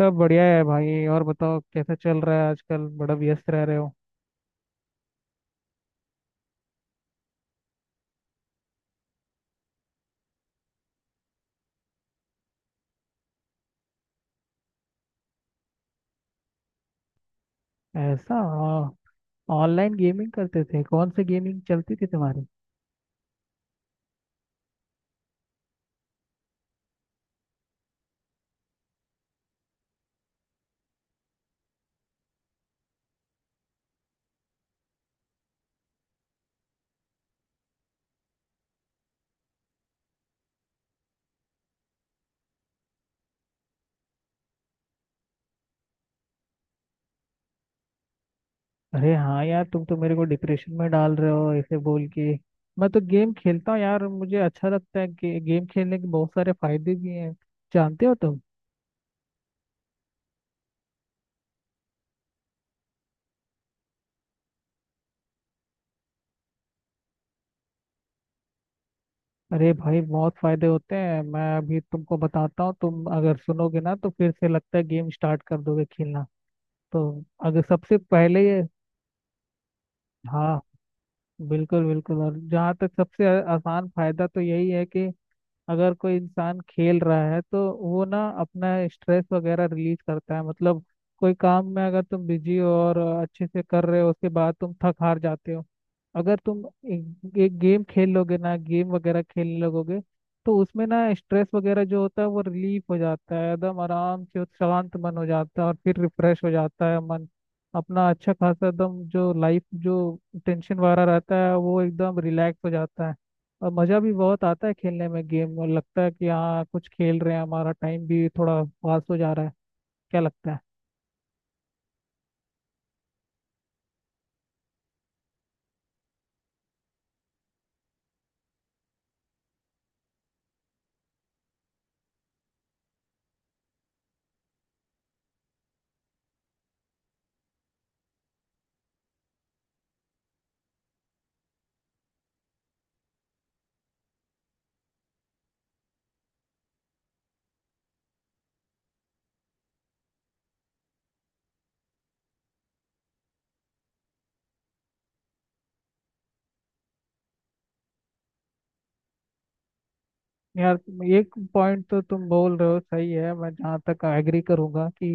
सब बढ़िया है भाई। और बताओ कैसा चल रहा है आजकल, बड़ा व्यस्त रह रहे हो? ऐसा? ऑनलाइन गेमिंग करते थे? कौन सी गेमिंग चलती थी तुम्हारी? अरे हाँ यार, तुम तो मेरे को डिप्रेशन में डाल रहे हो ऐसे बोल के। मैं तो गेम खेलता हूँ यार, मुझे अच्छा लगता है कि गेम खेलने के बहुत सारे फायदे भी हैं। जानते हो तुम? अरे भाई, बहुत फायदे होते हैं। मैं अभी तुमको बताता हूँ, तुम अगर सुनोगे ना तो फिर से लगता है गेम स्टार्ट कर दोगे खेलना। तो अगर सबसे पहले, हाँ, बिल्कुल बिल्कुल। और जहाँ तक सबसे आसान फायदा तो यही है कि अगर कोई इंसान खेल रहा है तो वो ना अपना स्ट्रेस वगैरह रिलीज करता है। मतलब कोई काम में अगर तुम बिजी हो और अच्छे से कर रहे हो, उसके बाद तुम थक हार जाते हो। अगर तुम एक गेम खेल लोगे ना, गेम वगैरह खेलने लगोगे, तो उसमें ना स्ट्रेस वगैरह जो होता है वो रिलीफ हो जाता है, एकदम आराम से, और शांत मन हो जाता है और फिर रिफ्रेश हो जाता है मन। अपना अच्छा खासा एकदम जो लाइफ जो टेंशन वगैरह रहता है वो एकदम रिलैक्स हो जाता है। और मज़ा भी बहुत आता है खेलने में गेम, और लगता है कि हाँ कुछ खेल रहे हैं, हमारा टाइम भी थोड़ा पास हो जा रहा है। क्या लगता है? यार एक पॉइंट तो तुम बोल रहे हो सही है, मैं जहाँ तक एग्री करूंगा कि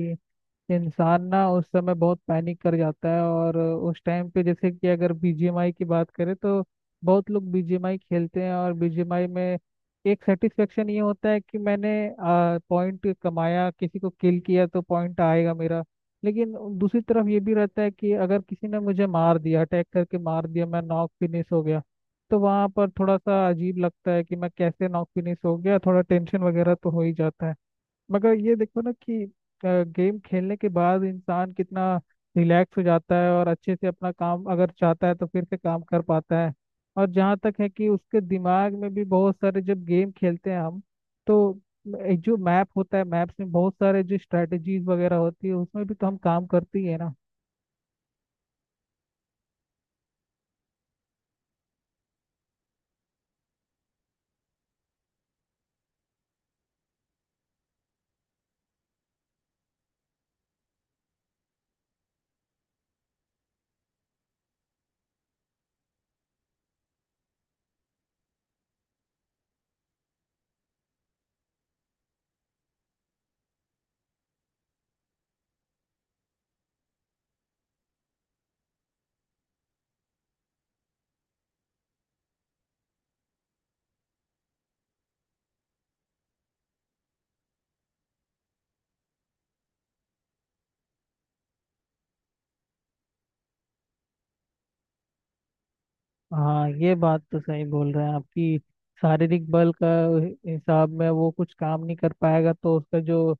इंसान ना उस समय बहुत पैनिक कर जाता है। और उस टाइम पे, जैसे कि अगर बीजीएमआई की बात करें तो बहुत लोग बीजीएमआई खेलते हैं, और बीजीएमआई में एक सेटिस्फेक्शन ये होता है कि मैंने पॉइंट कमाया, किसी को किल किया तो पॉइंट आएगा मेरा। लेकिन दूसरी तरफ ये भी रहता है कि अगर किसी ने मुझे मार दिया, अटैक करके मार दिया, मैं नॉक फिनिश हो गया, तो वहाँ पर थोड़ा सा अजीब लगता है कि मैं कैसे नॉक फिनिश हो गया। थोड़ा टेंशन वगैरह तो हो ही जाता है। मगर ये देखो ना कि गेम खेलने के बाद इंसान कितना रिलैक्स हो जाता है और अच्छे से अपना काम अगर चाहता है तो फिर से काम कर पाता है। और जहाँ तक है कि उसके दिमाग में भी बहुत सारे जब गेम खेलते हैं हम, तो एक जो मैप होता है, मैप्स में बहुत सारे जो स्ट्रेटजीज वगैरह होती है उसमें भी तो हम काम करती है ना। हाँ, ये बात तो सही बोल रहे हैं आपकी। शारीरिक बल का हिसाब में वो कुछ काम नहीं कर पाएगा, तो उसका जो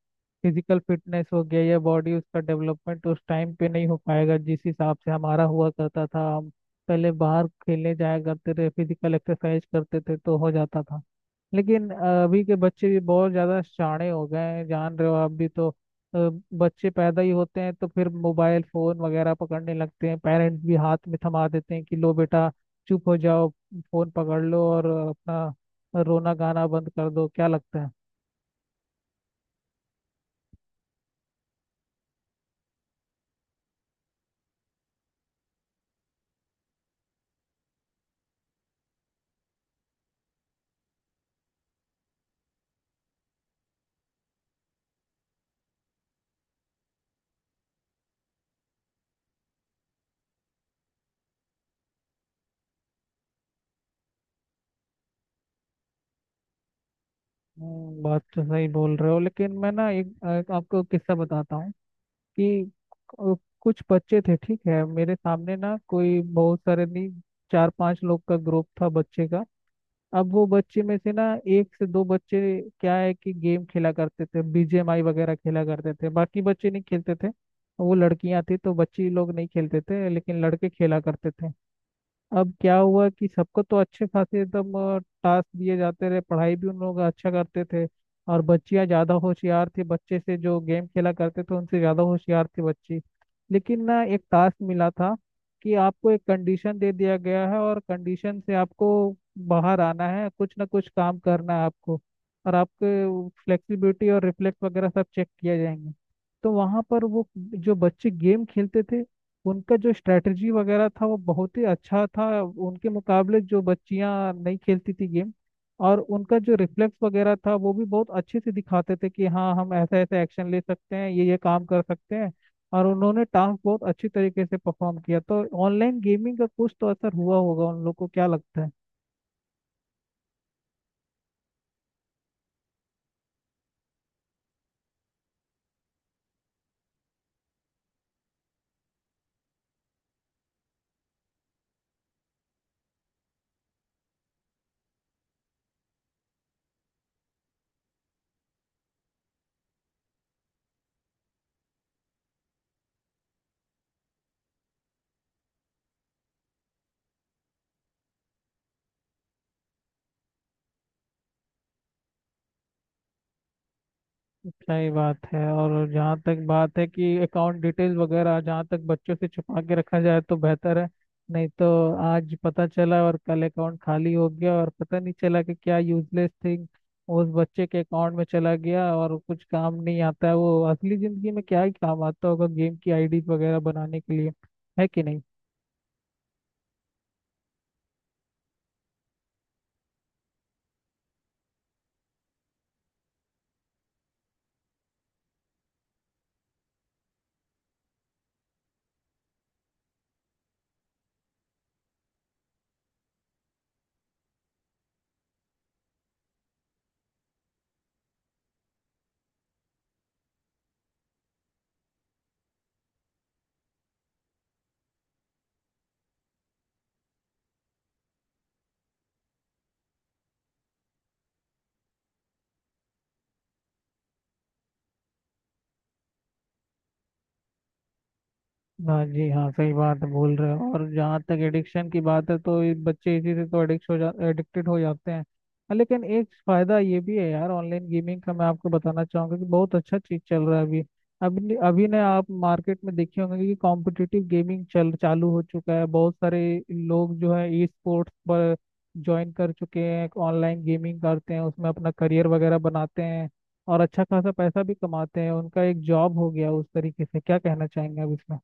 फिजिकल फिटनेस हो गया या बॉडी, उसका डेवलपमेंट उस टाइम पे नहीं हो पाएगा जिस हिसाब से हमारा हुआ करता था। हम पहले बाहर खेलने जाया करते थे, फिजिकल एक्सरसाइज करते थे तो हो जाता था। लेकिन अभी के बच्चे भी बहुत ज्यादा शाणे हो गए हैं, जान रहे हो आप भी तो। अ, बच्चे पैदा ही होते हैं तो फिर मोबाइल फोन वगैरह पकड़ने लगते हैं। पेरेंट्स भी हाथ में थमा देते हैं कि लो बेटा, चुप हो जाओ, फोन पकड़ लो और अपना रोना गाना बंद कर दो। क्या लगता है? बात तो सही बोल रहे हो। लेकिन मैं ना एक एक आपको किस्सा बताता हूँ कि अ, कुछ बच्चे थे, ठीक है? मेरे सामने ना, कोई बहुत सारे नहीं, चार पांच लोग का ग्रुप था बच्चे का। अब वो बच्चे में से ना, एक से दो बच्चे, क्या है कि गेम खेला करते थे, बीजीएमआई वगैरह खेला करते थे, बाकी बच्चे नहीं खेलते थे। वो लड़कियां थी तो बच्ची लोग नहीं खेलते थे, लेकिन लड़के खेला करते थे। अब क्या हुआ कि सबको तो अच्छे खासे एकदम टास्क दिए जाते रहे, पढ़ाई भी उन लोग अच्छा करते थे। और बच्चियां ज़्यादा होशियार थी बच्चे से, जो गेम खेला करते थे उनसे ज़्यादा होशियार थी बच्ची। लेकिन ना, एक टास्क मिला था कि आपको एक कंडीशन दे दिया गया है, और कंडीशन से आपको बाहर आना है, कुछ ना कुछ काम करना है आपको, और आपके फ्लेक्सिबिलिटी और रिफ्लेक्स वगैरह सब चेक किया जाएंगे। तो वहाँ पर वो जो बच्चे गेम खेलते थे, उनका जो स्ट्रेटजी वगैरह था वो बहुत ही अच्छा था उनके मुकाबले जो बच्चियां नहीं खेलती थी गेम। और उनका जो रिफ्लेक्स वगैरह था वो भी बहुत अच्छे से दिखाते थे कि हाँ, हम ऐसा ऐसा एक्शन ले सकते हैं, ये काम कर सकते हैं। और उन्होंने टास्क बहुत अच्छी तरीके से परफॉर्म किया। तो ऑनलाइन गेमिंग का कुछ तो असर हुआ होगा उन लोग को, क्या लगता है? सही बात है। और जहाँ तक बात है कि अकाउंट डिटेल वगैरह जहाँ तक बच्चों से छुपा के रखा जाए तो बेहतर है। नहीं तो आज पता चला और कल अकाउंट खाली हो गया और पता नहीं चला कि क्या यूजलेस थिंग उस बच्चे के अकाउंट में चला गया। और कुछ काम नहीं आता है वो असली जिंदगी में, क्या ही काम आता होगा गेम की आईडी वगैरह बनाने के लिए, है कि नहीं? हाँ जी, हाँ सही बात है बोल रहे हो। और जहाँ तक एडिक्शन की बात है तो ये बच्चे इसी से तो एडिक्टेड हो जाते हैं, हाँ। लेकिन एक फायदा ये भी है यार ऑनलाइन गेमिंग का, मैं आपको बताना चाहूंगा कि बहुत अच्छा चीज चल रहा है अभी। अभी ने आप मार्केट में देखे होंगे कि कॉम्पिटिटिव गेमिंग चल चालू हो चुका है। बहुत सारे लोग जो है ई स्पोर्ट्स पर ज्वाइन कर चुके हैं, ऑनलाइन गेमिंग करते हैं, उसमें अपना करियर वगैरह बनाते हैं और अच्छा खासा पैसा भी कमाते हैं। उनका एक जॉब हो गया उस तरीके से। क्या कहना चाहेंगे आप इसमें?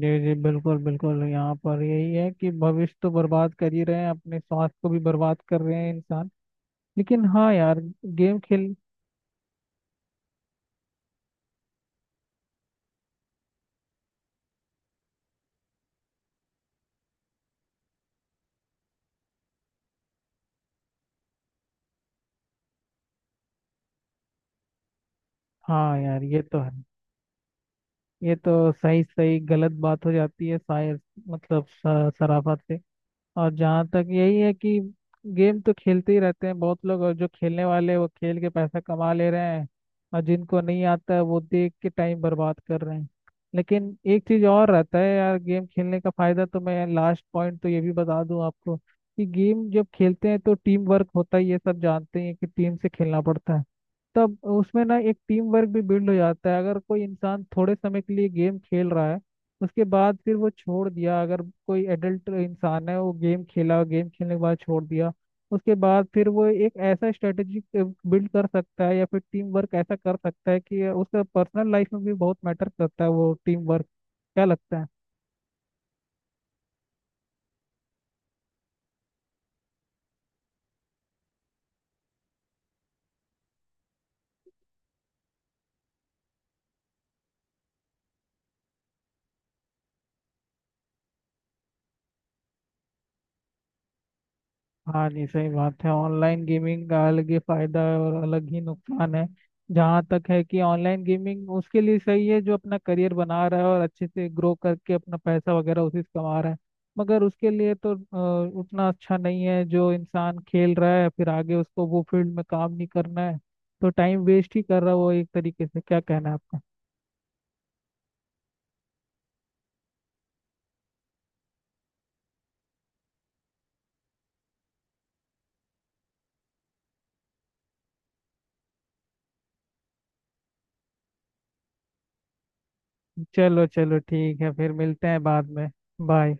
जी जी, बिल्कुल बिल्कुल, यहाँ पर यही है कि भविष्य तो बर्बाद कर ही रहे हैं, अपने स्वास्थ्य को भी बर्बाद कर रहे हैं इंसान। लेकिन हाँ यार, गेम खेल हाँ यार ये तो है। ये तो सही सही गलत बात हो जाती है शायद, मतलब सराफत से। और जहाँ तक यही है कि गेम तो खेलते ही रहते हैं बहुत लोग, और जो खेलने वाले हैं, वो खेल के पैसा कमा ले रहे हैं, और जिनको नहीं आता है वो देख के टाइम बर्बाद कर रहे हैं। लेकिन एक चीज़ और रहता है यार गेम खेलने का फायदा, तो मैं लास्ट पॉइंट तो ये भी बता दूं आपको कि गेम जब खेलते हैं तो टीम वर्क होता है, ये सब जानते हैं कि टीम से खेलना पड़ता है। तब उसमें ना एक टीम वर्क भी बिल्ड हो जाता है। अगर कोई इंसान थोड़े समय के लिए गेम खेल रहा है, उसके बाद फिर वो छोड़ दिया, अगर कोई एडल्ट इंसान है, वो गेम खेला, गेम खेलने के बाद छोड़ दिया, उसके बाद फिर वो एक ऐसा स्ट्रेटेजी बिल्ड कर सकता है या फिर टीम वर्क ऐसा कर सकता है कि उसका पर्सनल लाइफ में भी बहुत मैटर करता है वो टीम वर्क। क्या लगता है? हाँ जी, सही बात है। ऑनलाइन गेमिंग का अलग ही फायदा है और अलग ही नुकसान है। जहाँ तक है कि ऑनलाइन गेमिंग उसके लिए सही है जो अपना करियर बना रहा है और अच्छे से ग्रो करके अपना पैसा वगैरह उसी से कमा रहा है। मगर उसके लिए तो उतना अच्छा नहीं है जो इंसान खेल रहा है फिर आगे उसको वो फील्ड में काम नहीं करना है, तो टाइम वेस्ट ही कर रहा है वो एक तरीके से। क्या कहना है आपका? चलो चलो ठीक है, फिर मिलते हैं बाद में। बाय।